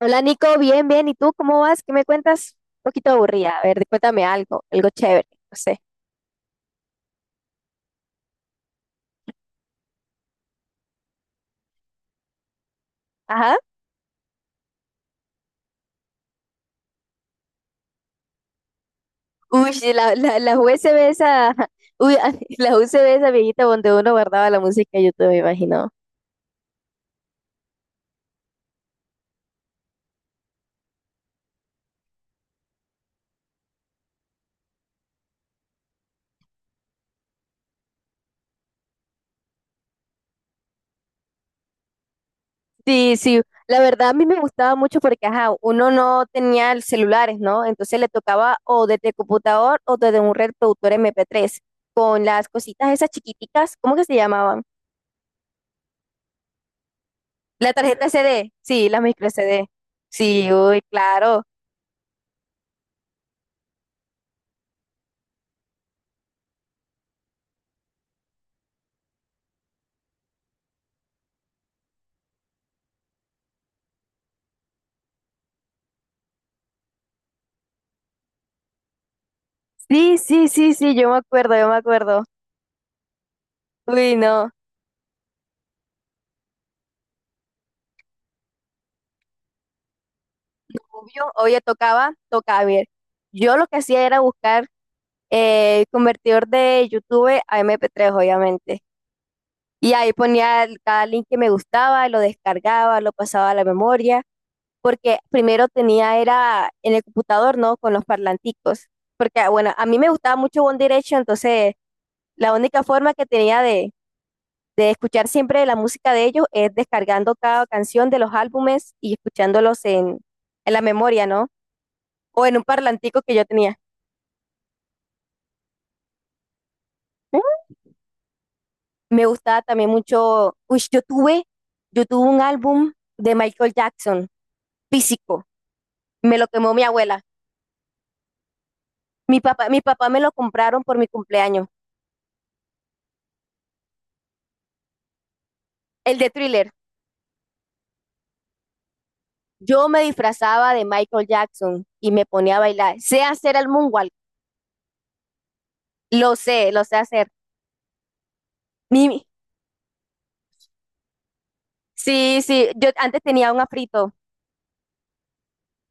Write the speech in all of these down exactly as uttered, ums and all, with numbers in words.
Hola Nico, bien, bien. ¿Y tú cómo vas? ¿Qué me cuentas? Un poquito aburrida. A ver, cuéntame algo, algo chévere, no sé. Ajá. Uy, sí, la, la, la U S B esa, uy, ah, la U S B esa viejita donde uno guardaba la música de YouTube, me imagino. Sí, sí. La verdad a mí me gustaba mucho porque, ajá, uno no tenía el celulares, ¿no? Entonces le tocaba o desde el computador o desde un reproductor M P tres con las cositas esas chiquiticas, ¿cómo que se llamaban? La tarjeta C D, sí, la micro C D. Sí, uy, claro. Sí, sí, sí, sí, yo me acuerdo, yo me acuerdo. Uy, no. Obvio, oye, tocaba, tocaba, ver. Yo lo que hacía era buscar eh, convertidor de YouTube a mp tres, obviamente. Y ahí ponía el- cada link que me gustaba, lo descargaba, lo pasaba a la memoria, porque primero tenía era en el computador, ¿no? Con los parlanticos. Porque, bueno, a mí me gustaba mucho One Direction, entonces la única forma que tenía de, de escuchar siempre la música de ellos es descargando cada canción de los álbumes y escuchándolos en, en la memoria, ¿no? O en un parlantico que yo tenía. Me gustaba también mucho, uy, yo tuve, yo tuve un álbum de Michael Jackson, físico, me lo quemó mi abuela. Mi papá, mi papá me lo compraron por mi cumpleaños, el de Thriller. Yo me disfrazaba de Michael Jackson y me ponía a bailar. Sé hacer el moonwalk, lo sé, lo sé hacer. Mi, sí, sí, yo antes tenía un afrito.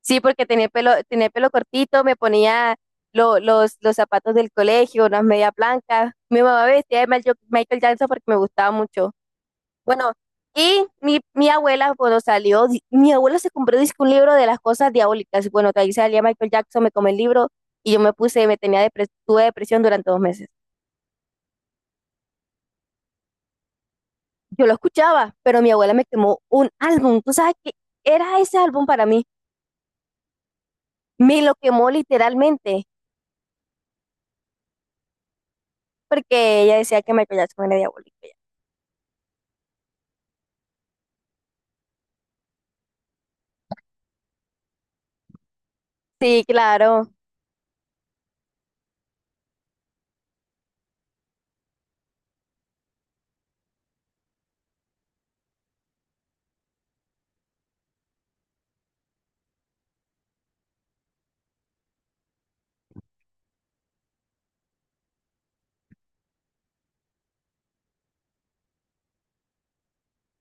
Sí, porque tenía pelo, tenía pelo cortito, me ponía lo- los, los zapatos del colegio, unas medias blancas. Mi mamá me vestía de Michael Michael Jackson porque me gustaba mucho. Bueno, y mi, mi abuela cuando salió, di- mi abuela se compró dizque un libro de las cosas diabólicas. Y bueno, que ahí salía Michael Jackson, me comí el libro y yo me puse, me tenía depres- tuve depresión durante dos meses. Yo lo escuchaba, pero mi abuela me quemó un álbum. ¿Tú sabes qué era ese álbum para mí? Me lo quemó literalmente porque ella decía que Michael Jackson era diabólico. Sí, claro.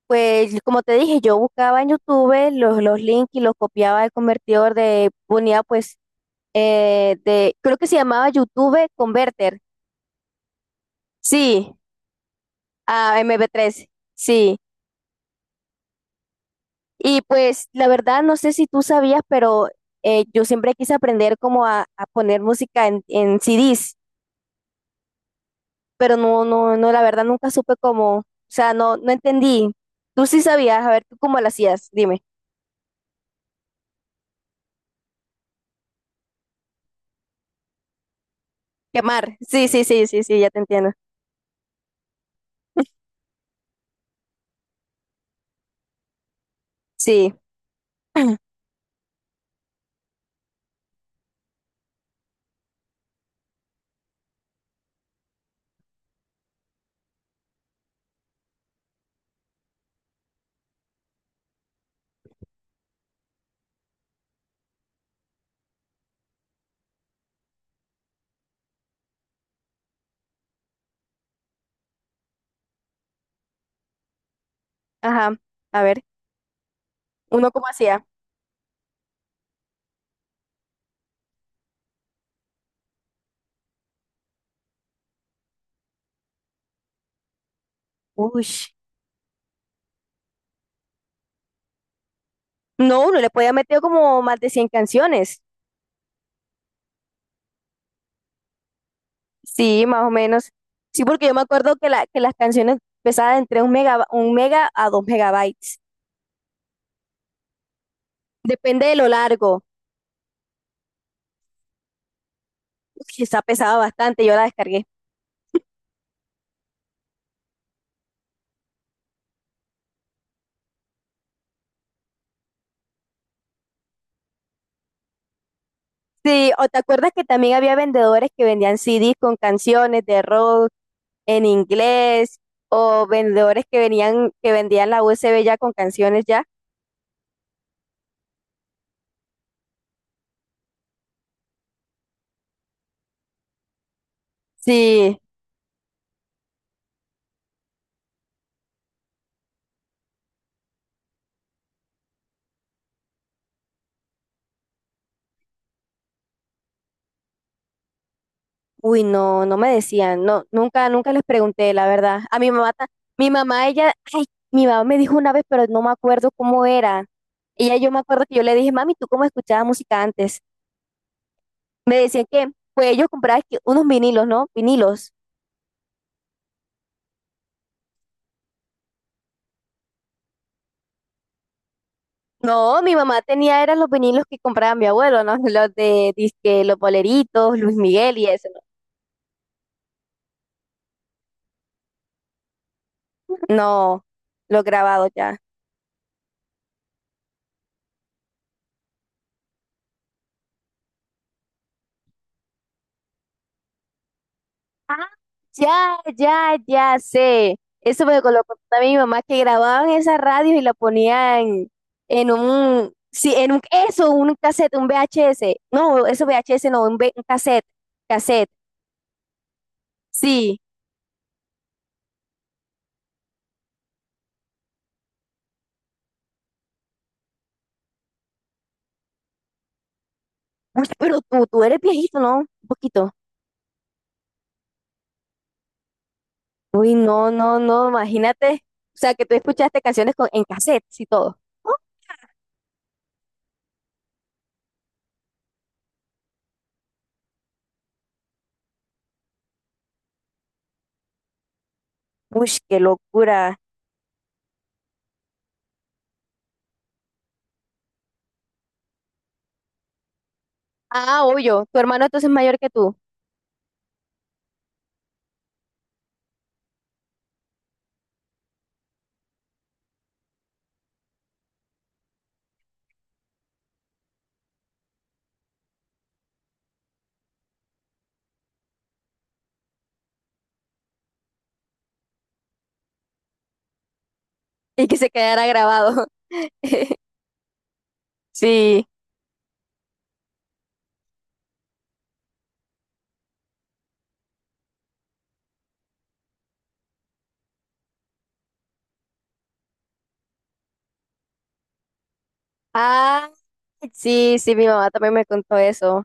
Pues como te dije, yo buscaba en YouTube los, los links y los copiaba del convertidor de, ponía pues, eh, de, creo que se llamaba YouTube Converter. Sí, a mp tres. Sí. Y pues la verdad no sé si tú sabías, pero eh, yo siempre quise aprender como a, a poner música en, en C Ds, pero no, no, no, la verdad nunca supe cómo, o sea, no, no entendí. Tú sí sabías, a ver, ¿tú cómo lo hacías? Dime. Quemar. Sí, sí, sí, sí, sí, ya te entiendo. Sí. Ajá, a ver, ¿uno cómo hacía? Uy, no, uno le podía meter como más de cien canciones. Sí, más o menos. Sí, porque yo me acuerdo que, la, que las canciones pesaban entre un mega, un mega a dos megabytes. Depende de lo largo. Uy, esa pesaba bastante, yo la descargué. Sí, o te acuerdas que también había vendedores que vendían C Ds con canciones de rock en inglés, o vendedores que venían, que vendían la U S B ya con canciones ya. Sí. Uy, no, no me decían, no, nunca, nunca les pregunté, la verdad. A mi mamá, ta- mi mamá, ella, ay, mi mamá me dijo una vez, pero no me acuerdo cómo era. Ella, yo me acuerdo que yo le dije, mami, ¿tú cómo escuchabas música antes? Me decían que, pues ellos compraban que unos vinilos, ¿no? Vinilos. No, mi mamá tenía, eran los vinilos que compraba mi abuelo, ¿no? Los de, disque, los boleritos, Luis Miguel y eso, ¿no? No, los grabados ya. Ah, ya, ya, ya sé. Eso me lo contaba mi mamá que grababan esas radios y la ponían en un, sí, en un, eso, un cassette, un V H S. No, eso V H S no, un, ve- un cassette, cassette, sí. Uy, pero tú, tú eres viejito, ¿no? Un poquito. Uy, no, no, no, imagínate. O sea, que tú escuchaste canciones con, en cassette y todo. ¿No? Uy, qué locura. Ah, obvio, tu hermano entonces es mayor que tú y que se quedara grabado. Sí. Ah, sí, sí, mi mamá también me contó eso.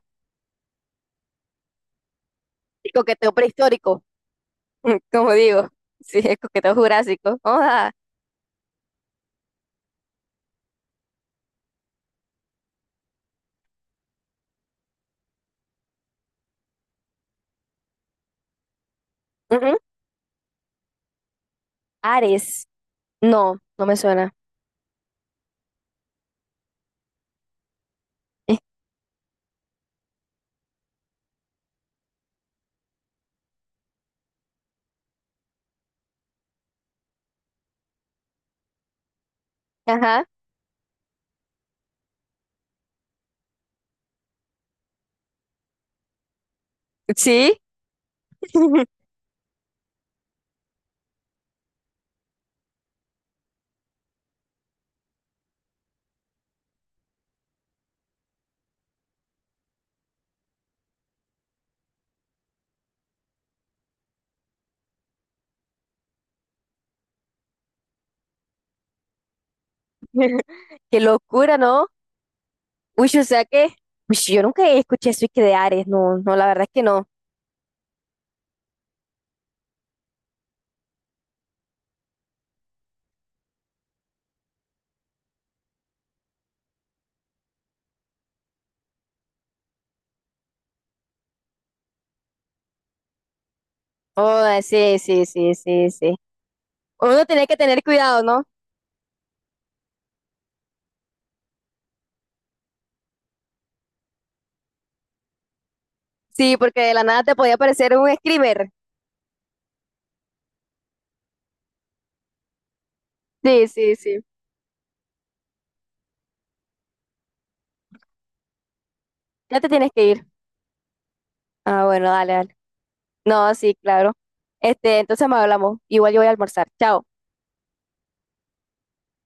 Y coqueteo prehistórico, como digo. Sí, es coqueteo jurásico. Oda. Ujú. Ares. No, no me suena. Eh, Ajá. Sí. Qué locura, ¿no? Uy, o sea que. Uy, sí, yo nunca escuché eso y que de Ares. No, no, la verdad es que no. Oda, sí, sí, sí, sí, sí. Uno tenía que tener cuidado, ¿no? Sí, porque de la nada te podía aparecer un screamer. Sí, sí, sí. Ya te tienes que ir. Ah, bueno, dale, dale. No, sí, claro. Este, entonces me hablamos. Igual yo voy a almorzar. Chao.